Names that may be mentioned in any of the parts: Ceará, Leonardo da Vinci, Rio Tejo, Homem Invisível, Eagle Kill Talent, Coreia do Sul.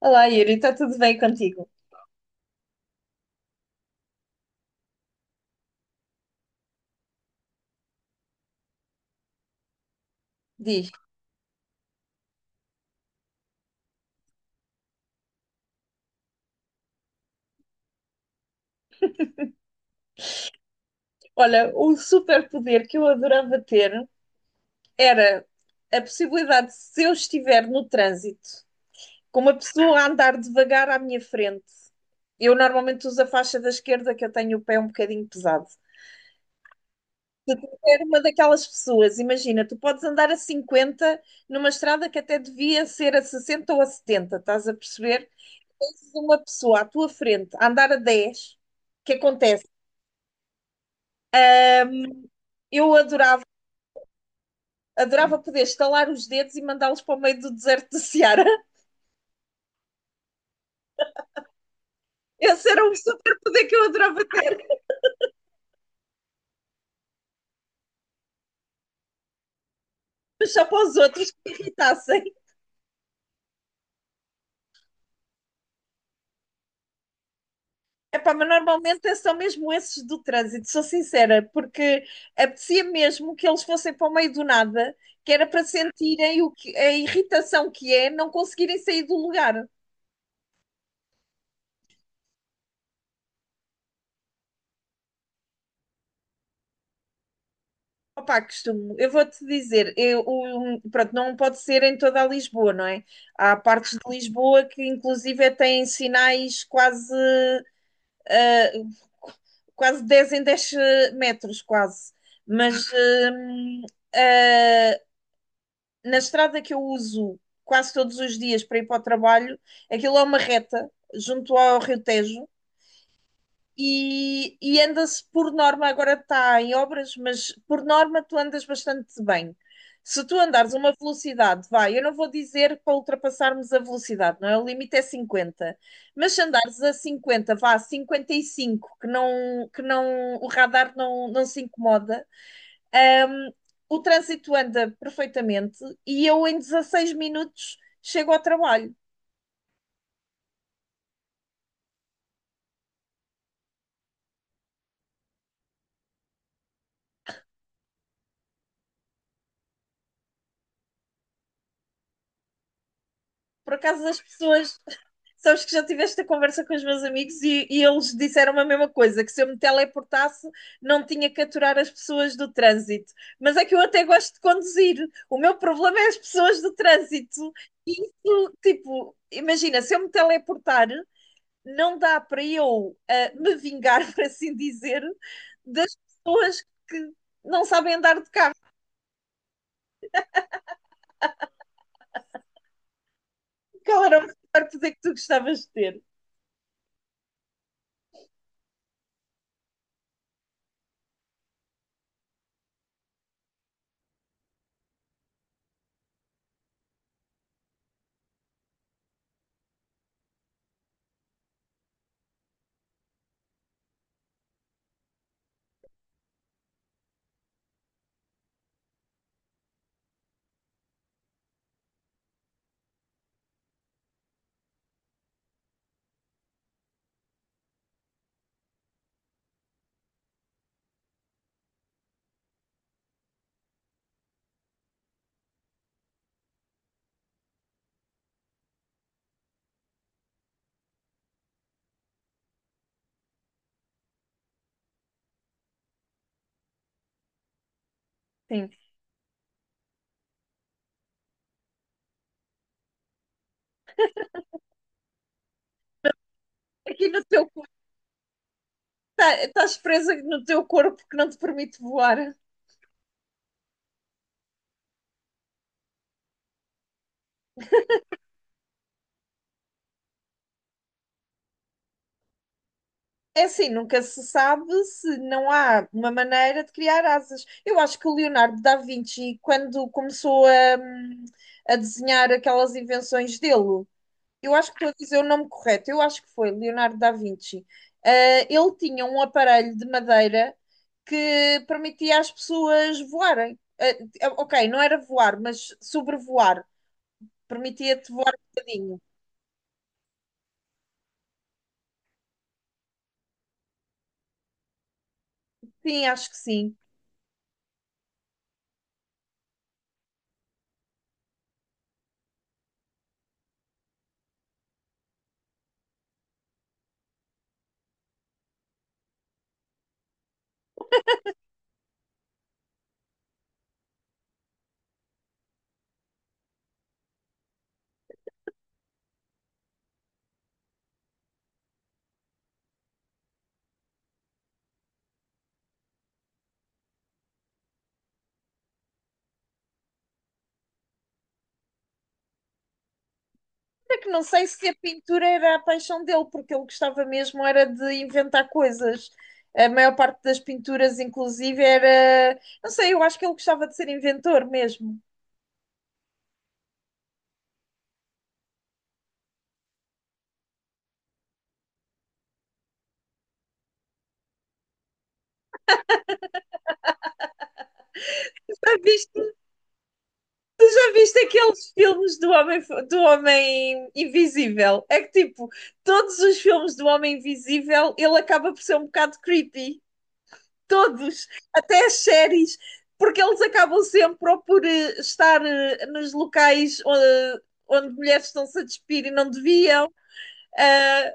Olá, Yuri, está tudo bem contigo? Diz. Olha, o superpoder que eu adorava ter era a possibilidade de, se eu estiver no trânsito, com uma pessoa a andar devagar à minha frente. Eu normalmente uso a faixa da esquerda, que eu tenho o pé um bocadinho pesado. Se tu tiver uma daquelas pessoas, imagina, tu podes andar a 50 numa estrada que até devia ser a 60 ou a 70, estás a perceber? Tens uma pessoa à tua frente a andar a 10, o que acontece? Eu adorava Adorava poder estalar os dedos e mandá-los para o meio do deserto de Ceará. Esse era um superpoder que eu adorava ter, mas só para os outros que me irritassem. Epá, mas normalmente são mesmo esses do trânsito, sou sincera, porque apetecia mesmo que eles fossem para o meio do nada, que era para sentirem o que, a irritação que é não conseguirem sair do lugar. Opa, costumo, eu vou-te dizer, pronto, não pode ser em toda a Lisboa, não é? Há partes de Lisboa que inclusive têm sinais quase 10 em 10 metros, quase. Mas ah, na estrada que eu uso quase todos os dias para ir para o trabalho, aquilo é uma reta junto ao Rio Tejo e, anda-se por norma, agora está em obras, mas por norma tu andas bastante bem. Se tu andares uma velocidade, vai, eu não vou dizer para ultrapassarmos a velocidade, não é? O limite é 50. Mas se andares a 50, vá, a 55, que não, o radar não se incomoda, hum, o trânsito anda perfeitamente e eu em 16 minutos chego ao trabalho. Por acaso as pessoas sabes que já tive esta conversa com os meus amigos e, eles disseram a mesma coisa, que se eu me teleportasse não tinha que aturar as pessoas do trânsito. Mas é que eu até gosto de conduzir. O meu problema é as pessoas do trânsito. E isso, tipo, imagina, se eu me teleportar, não dá para eu me vingar, por assim dizer, das pessoas que não sabem andar de carro, que era o melhor poder que tu gostavas de ter. Sim. Aqui no teu Tá- Estás presa no teu corpo que não te permite voar. É assim, nunca se sabe se não há uma maneira de criar asas. Eu acho que o Leonardo da Vinci, quando começou hum, a desenhar aquelas invenções dele, eu acho que estou a dizer o nome correto, eu acho que foi Leonardo da Vinci. Ah, ele tinha um aparelho de madeira que permitia às pessoas voarem. Ah, ok, não era voar, mas sobrevoar. Permitia-te voar um bocadinho. Sim, acho que sim. É que não sei se a pintura era a paixão dele, porque ele gostava mesmo era de inventar coisas. A maior parte das pinturas, inclusive, era. Não sei, eu acho que ele gostava de ser inventor mesmo. Já viste, tu já viste aqueles filmes do Homem Invisível? É que, tipo, todos os filmes do Homem Invisível ele acaba por ser um bocado creepy. Todos, até as séries, porque eles acabam sempre ou por estar nos locais onde mulheres estão-se a despir e não deviam. Ah,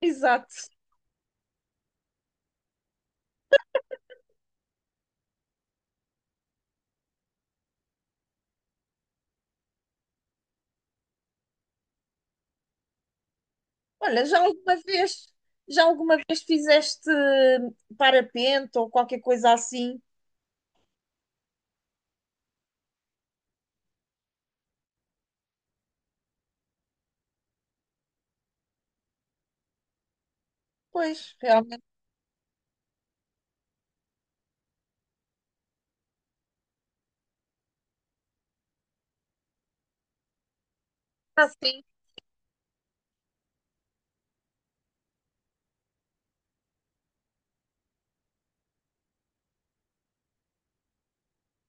exato. Olha, já alguma vez fizeste parapente ou qualquer coisa assim? Pois, realmente, assim,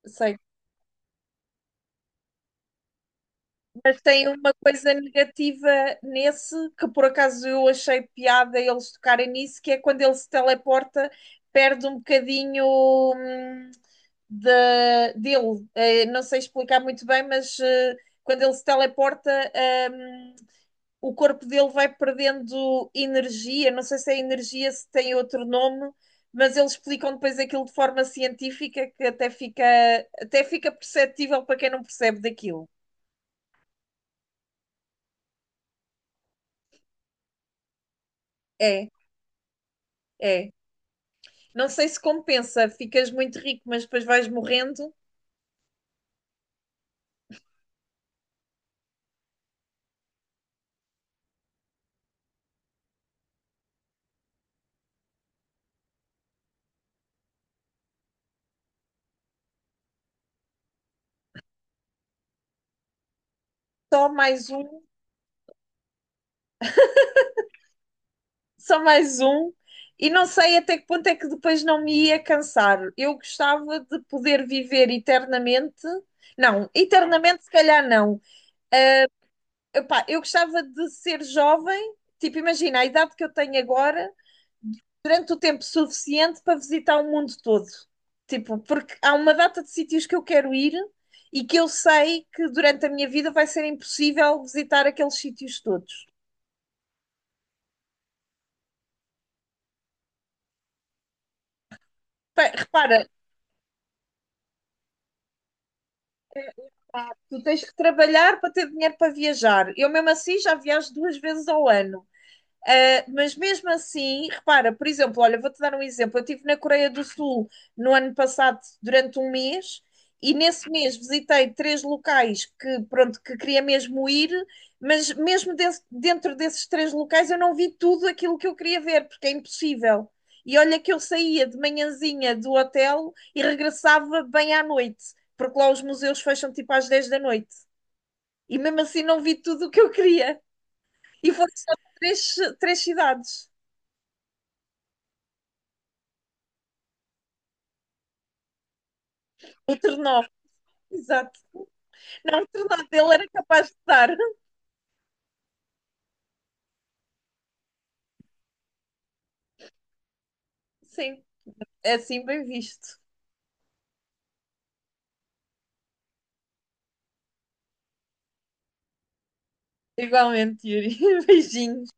sei. Mas tem uma coisa negativa nesse, que por acaso eu achei piada eles tocarem nisso, que é quando ele se teleporta, perde um bocadinho hum, de, dele. Não sei explicar muito bem, mas quando ele se teleporta, hum, o corpo dele vai perdendo energia. Não sei se é energia, se tem outro nome, mas eles explicam depois aquilo de forma científica que até fica perceptível para quem não percebe daquilo. É, é. Não sei se compensa, ficas muito rico, mas depois vais morrendo. Só mais um, só mais um. E não sei até que ponto é que depois não me ia cansar. Eu gostava de poder viver eternamente. Não, eternamente se calhar não. Epá, eu gostava de ser jovem, tipo, imagina a idade que eu tenho agora durante o tempo suficiente para visitar o mundo todo. Tipo, porque há uma data de sítios que eu quero ir e que eu sei que durante a minha vida vai ser impossível visitar aqueles sítios todos. Pá, repara, tu tens que trabalhar para ter dinheiro para viajar. Eu mesmo assim já viajo duas vezes ao ano. Mas mesmo assim, repara, por exemplo, olha, vou-te dar um exemplo. Eu estive na Coreia do Sul no ano passado durante um mês e nesse mês visitei 3 locais que, pronto, que queria mesmo ir, mas dentro desses 3 locais eu não vi tudo aquilo que eu queria ver, porque é impossível. E olha que eu saía de manhãzinha do hotel e regressava bem à noite, porque lá os museus fecham tipo às 10 da noite. E mesmo assim não vi tudo o que eu queria. E foram só três, 3 cidades. O Ternov, exato. Não, o Ternov dele era capaz de dar. Sim, é assim bem visto. Igualmente, Yuri. Beijinhos.